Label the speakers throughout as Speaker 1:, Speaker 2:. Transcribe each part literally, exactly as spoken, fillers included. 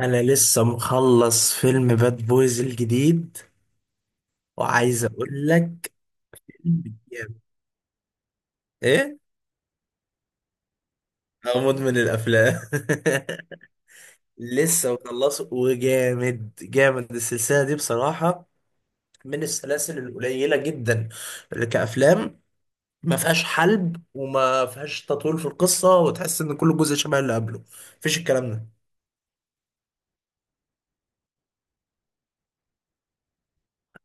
Speaker 1: انا لسه مخلص فيلم باد بويز الجديد وعايز اقول لك جامد. ايه أنا مدمن الافلام. لسه مخلصه وجامد جامد السلسله دي بصراحه، من السلاسل القليله جدا اللي كافلام ما فيهاش حلب وما فيهاش تطويل في القصه وتحس ان كل جزء شبه اللي قبله، مفيش الكلام ده.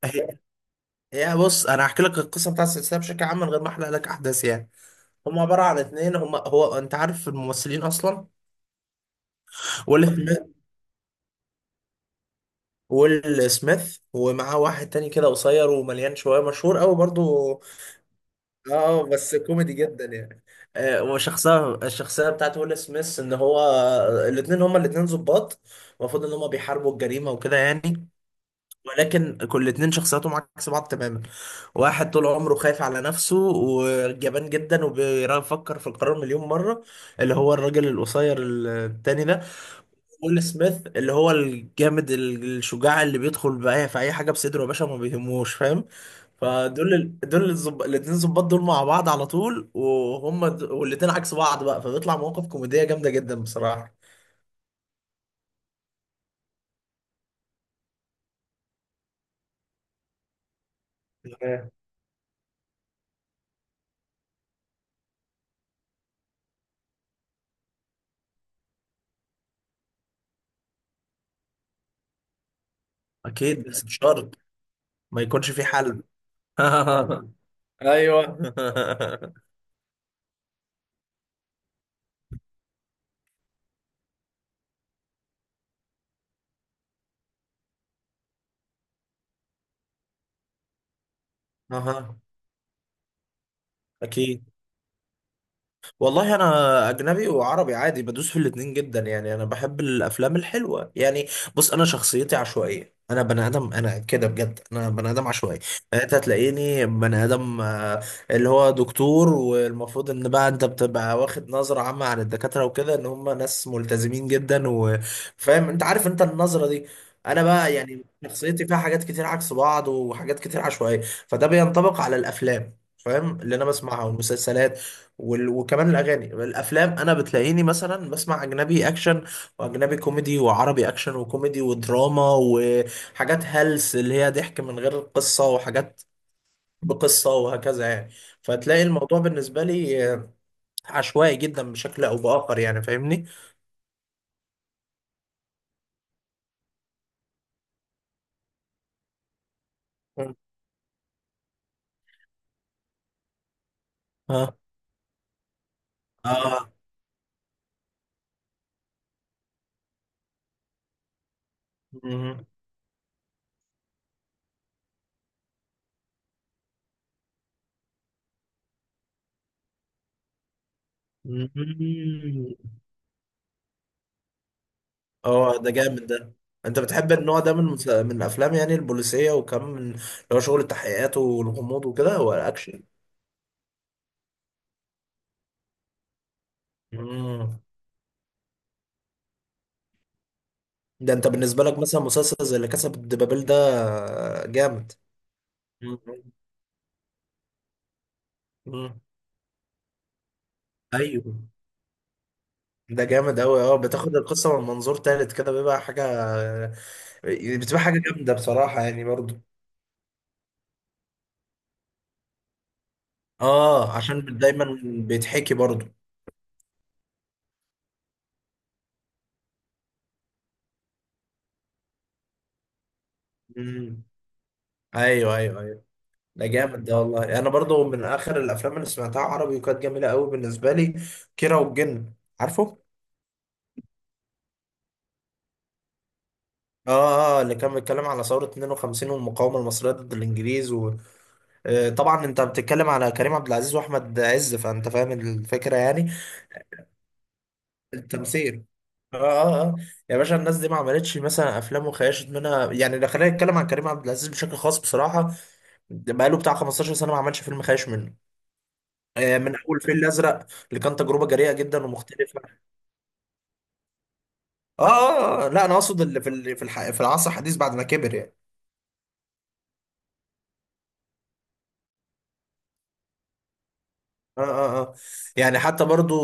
Speaker 1: هي هي بص، انا هحكي لك القصه بتاعت السلسله بشكل عام من غير ما احرق لك احداث يعني. هم عباره عن اتنين، هم هو انت عارف الممثلين اصلا؟ ويل سميث. ويل سميث ومعاه واحد تاني كده قصير ومليان شوية، مشهور قوي برضو. اه بس كوميدي جدا يعني. آه وشخصية الشخصية بتاعت ويل سميث ان هو الاتنين، هما الاتنين ظباط، المفروض ان هما بيحاربوا الجريمة وكده يعني. ولكن كل اتنين شخصياتهم عكس بعض تماما. واحد طول عمره خايف على نفسه وجبان جدا وبيفكر في القرار مليون مرة، اللي هو الراجل القصير التاني ده. ويل سميث اللي هو الجامد، ال- الشجاع اللي بيدخل بأي في أي حاجة بصدره يا باشا، ما بيهموش، فاهم. فدول ال... دول الزب... الاتنين ظباط دول مع بعض على طول، وهم د... والاتنين عكس بعض بقى، فبيطلع مواقف كوميدية جامدة جدا بصراحة. آه. أكيد بس مش شرط ما يكونش في حل. ايوه. أها. أكيد والله، انا اجنبي وعربي عادي، بدوس في الاتنين جدا يعني، انا بحب الافلام الحلوه يعني. بص، انا شخصيتي عشوائيه، انا بني ادم انا كده بجد، انا بني ادم عشوائي. انت هتلاقيني بني ادم آه، اللي هو دكتور، والمفروض ان بقى انت بتبقى واخد نظره عامه عن الدكاتره وكده ان هم ناس ملتزمين جدا، وفاهم انت عارف انت النظره دي. انا بقى يعني شخصيتي فيها حاجات كتير عكس بعض وحاجات كتير عشوائيه. فده بينطبق على الافلام، فاهم، اللي انا بسمعها والمسلسلات وال- وكمان الاغاني. الافلام انا بتلاقيني مثلا بسمع اجنبي اكشن واجنبي كوميدي وعربي اكشن وكوميدي ودراما وحاجات هلس اللي هي ضحك من غير قصه، وحاجات بقصه، وهكذا يعني. فتلاقي الموضوع بالنسبه لي آه، عشوائي جدا بشكل او باخر يعني، فاهمني. مم. اه اه. مم. مم. اه ده جامد ده. انت بتحب النوع ده من المس- من الافلام يعني، البوليسيه وكم، من اللي هو شغل التحقيقات والغموض وكده، ولا اكشن؟ مم. ده انت بالنسبه لك مثلا مسلسل زي اللي كسب الدبابيل ده جامد. مم. مم. ايوه. ده جامد قوي، اه بتاخد القصه من منظور تالت كده بيبقى حاجه، بتبقى حاجه جامده بصراحه يعني برضو. اه عشان دايما بيتحكي برضو. مم. ايوه ايوه ايوه. ده جامد ده والله. انا برضو من اخر الافلام اللي سمعتها عربي وكانت جميله قوي بالنسبه لي كيرة والجن، عارفه؟ اه اه اه، اللي كان بيتكلم على ثورة اتنين وخمسين والمقاومة المصرية ضد الإنجليز. آه، طبعا انت بتتكلم على كريم عبد العزيز واحمد عز، فانت فاهم الفكره يعني. التمثيل. اه اه اه. يا باشا الناس دي ما عملتش مثلا افلام وخيشت منها يعني، لو خلينا نتكلم عن كريم عبد العزيز بشكل خاص بصراحه، ده بقاله بتاع خمسة عشر سنه ما عملش فيلم خايش منه. آه، من اول فيل الازرق، اللي كان تجربه جريئه جدا ومختلفه. اه اه آه، لا انا اقصد اللي في ال- في الح- في العصر الحديث بعد ما كبر يعني. اه اه اه يعني حتى برضو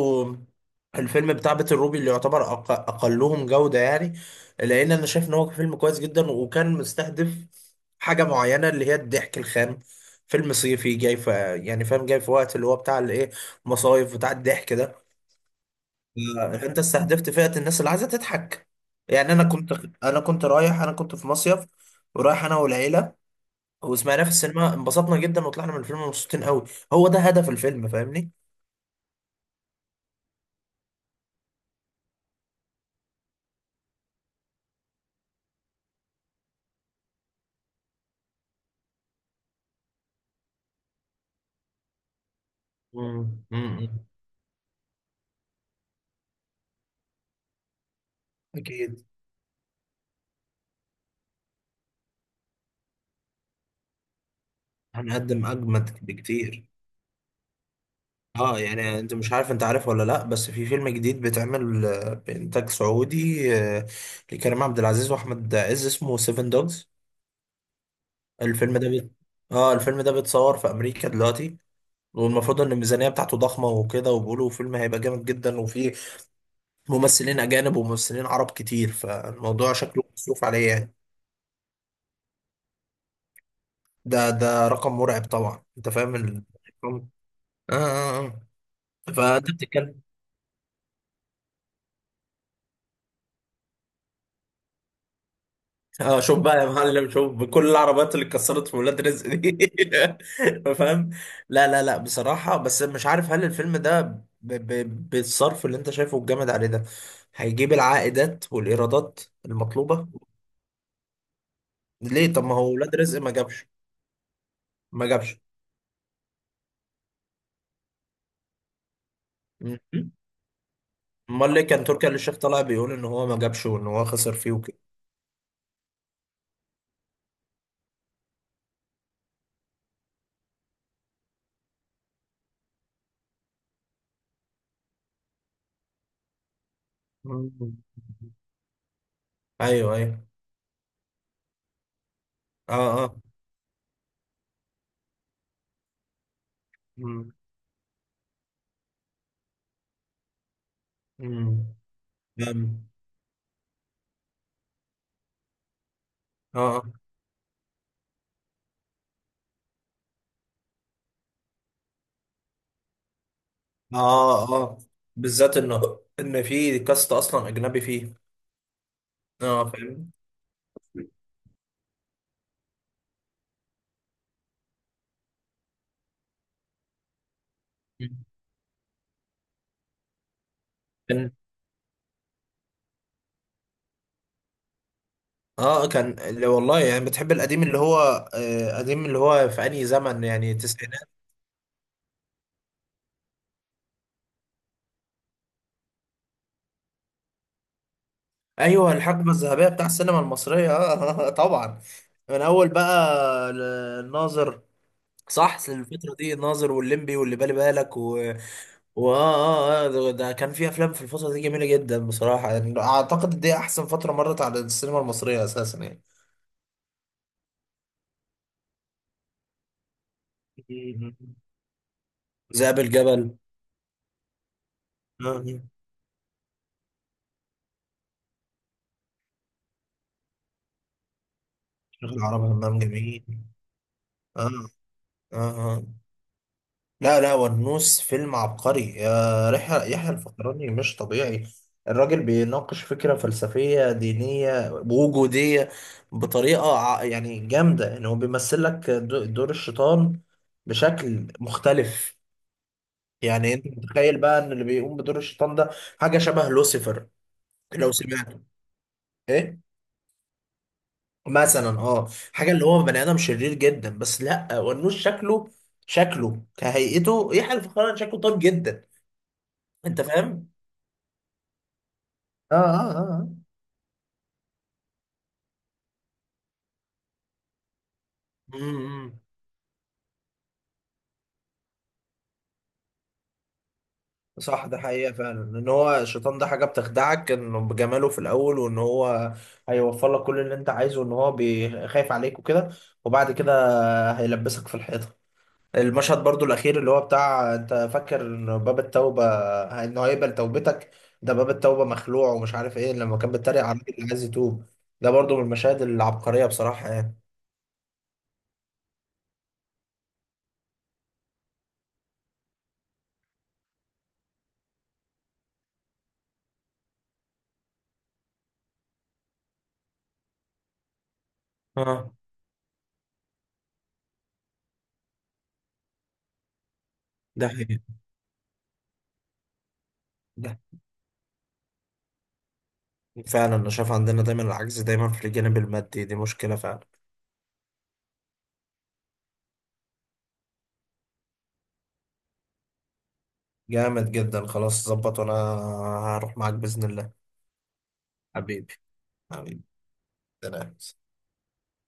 Speaker 1: الفيلم بتاع بيت الروبي، اللي يعتبر أق- اقلهم جودة يعني، لان انا شايف ان هو فيلم كويس جدا، وكان مستهدف حاجة معينة اللي هي الضحك الخام. فيلم صيفي، جاي في يعني، فاهم، جاي في وقت اللي هو بتاع الايه، مصايف بتاع الضحك ده. آه، انت استهدفت فئة الناس اللي عايزة تضحك. يعني انا كنت انا كنت رايح، انا كنت في مصيف، ورايح انا والعيلة، وسمعناه في السينما، انبسطنا جدا وطلعنا من الفيلم مبسوطين قوي. هو ده هدف الفيلم، فاهمني. مم. مم. أكيد هنقدم أجمد بكتير. اه يعني، انت مش عارف انت عارف ولا لا، بس في فيلم جديد بيتعمل آه، بإنتاج سعودي آه، لكريم عبد العزيز وأحمد عز، اسمه سيفن دوجز. الفيلم ده بيت... اه الفيلم ده بيتصور في أمريكا دلوقتي، والمفروض ان الميزانية بتاعته ضخمة وكده، وبيقولوا فيلم هيبقى جامد جدا، وفيه ممثلين أجانب وممثلين عرب كتير، فالموضوع شكله مصروف عليه يعني. ده ده رقم مرعب طبعا، انت فاهم ال... آه. آه آه. فانت بتتكلم. اه شوف بقى يا معلم، شوف بكل العربيات اللي اتكسرت في ولاد رزق دي. فاهم. لا لا لا، بصراحة بس مش عارف هل الفيلم ده ب... ب... بالصرف اللي انت شايفه الجامد عليه ده هيجيب العائدات والإيرادات المطلوبة؟ ليه؟ طب ما هو ولاد رزق ما جابش. ما جابش. م- م. امال ليه كان تركي آل الشيخ طالع بيقول ان هو ما جابش وان هو خسر فيه وكده. م. ايوه ايوه. اه اه. م. م. فاهم. اه آه. اه اه، بالذات ان ان في كاست اصلا اجنبي فيه. اه فاهم. كان اه كان اللي والله يعني، بتحب القديم اللي هو آه قديم اللي هو في انهي زمن؟ يعني التسعينات؟ ايوه الحقبه الذهبيه بتاع السينما المصريه اه. طبعا. من اول بقى الناظر. صح، الفتره دي الناظر والليمبي واللي بالي بالك و... واه اه اه آه، ده ده كان في افلام في الفتره دي جميله جدا بصراحه، يعني اعتقد دي احسن فتره مرت على السينما المصريه اساسا. يعني ذئاب الجبل. اه شيخ العرب همام جميل. اه اه اه لا لا والنوس فيلم عبقري، يا رحلة! يحيى الفخراني مش طبيعي. الراجل بيناقش فكرة فلسفية دينية وجودية بطريقة ع- يعني جامدة، ان هو بيمثل لك دو- دور الشيطان بشكل مختلف. يعني انت متخيل بقى ان اللي بيقوم بدور الشيطان ده حاجة شبه لوسيفر، لو سمعته. ايه؟ مثلا اه حاجه اللي هو بني ادم شرير جدا، بس لا، ونوش شكله، شكله كهيئته، يحيى الفخراني شكله طيب جدا. انت فاهم؟ اه اه اه امم. صح ده حقيقه فعلا، ان هو الشيطان ده حاجه بتخدعك انه بجماله في الاول، وان هو هيوفر لك كل اللي انت عايزه، وان هو بيخايف عليك وكده، وبعد كده هيلبسك في الحيطه. المشهد برضو الأخير اللي هو بتاع أنت فاكر إن باب التوبة إنه هيقبل توبتك، ده باب التوبة مخلوع ومش عارف إيه، لما كان بيتريق على الراجل اللي عايز يتوب، ده برضو من المشاهد العبقرية بصراحة يعني. اه ده حقيقي. ده فعلا أنا شايف عندنا دايما العجز دايما في الجانب المادي، دي مشكلة فعلا. جامد جدا، خلاص ظبط، وأنا هروح معاك بإذن الله. حبيبي. حبيبي. سلام.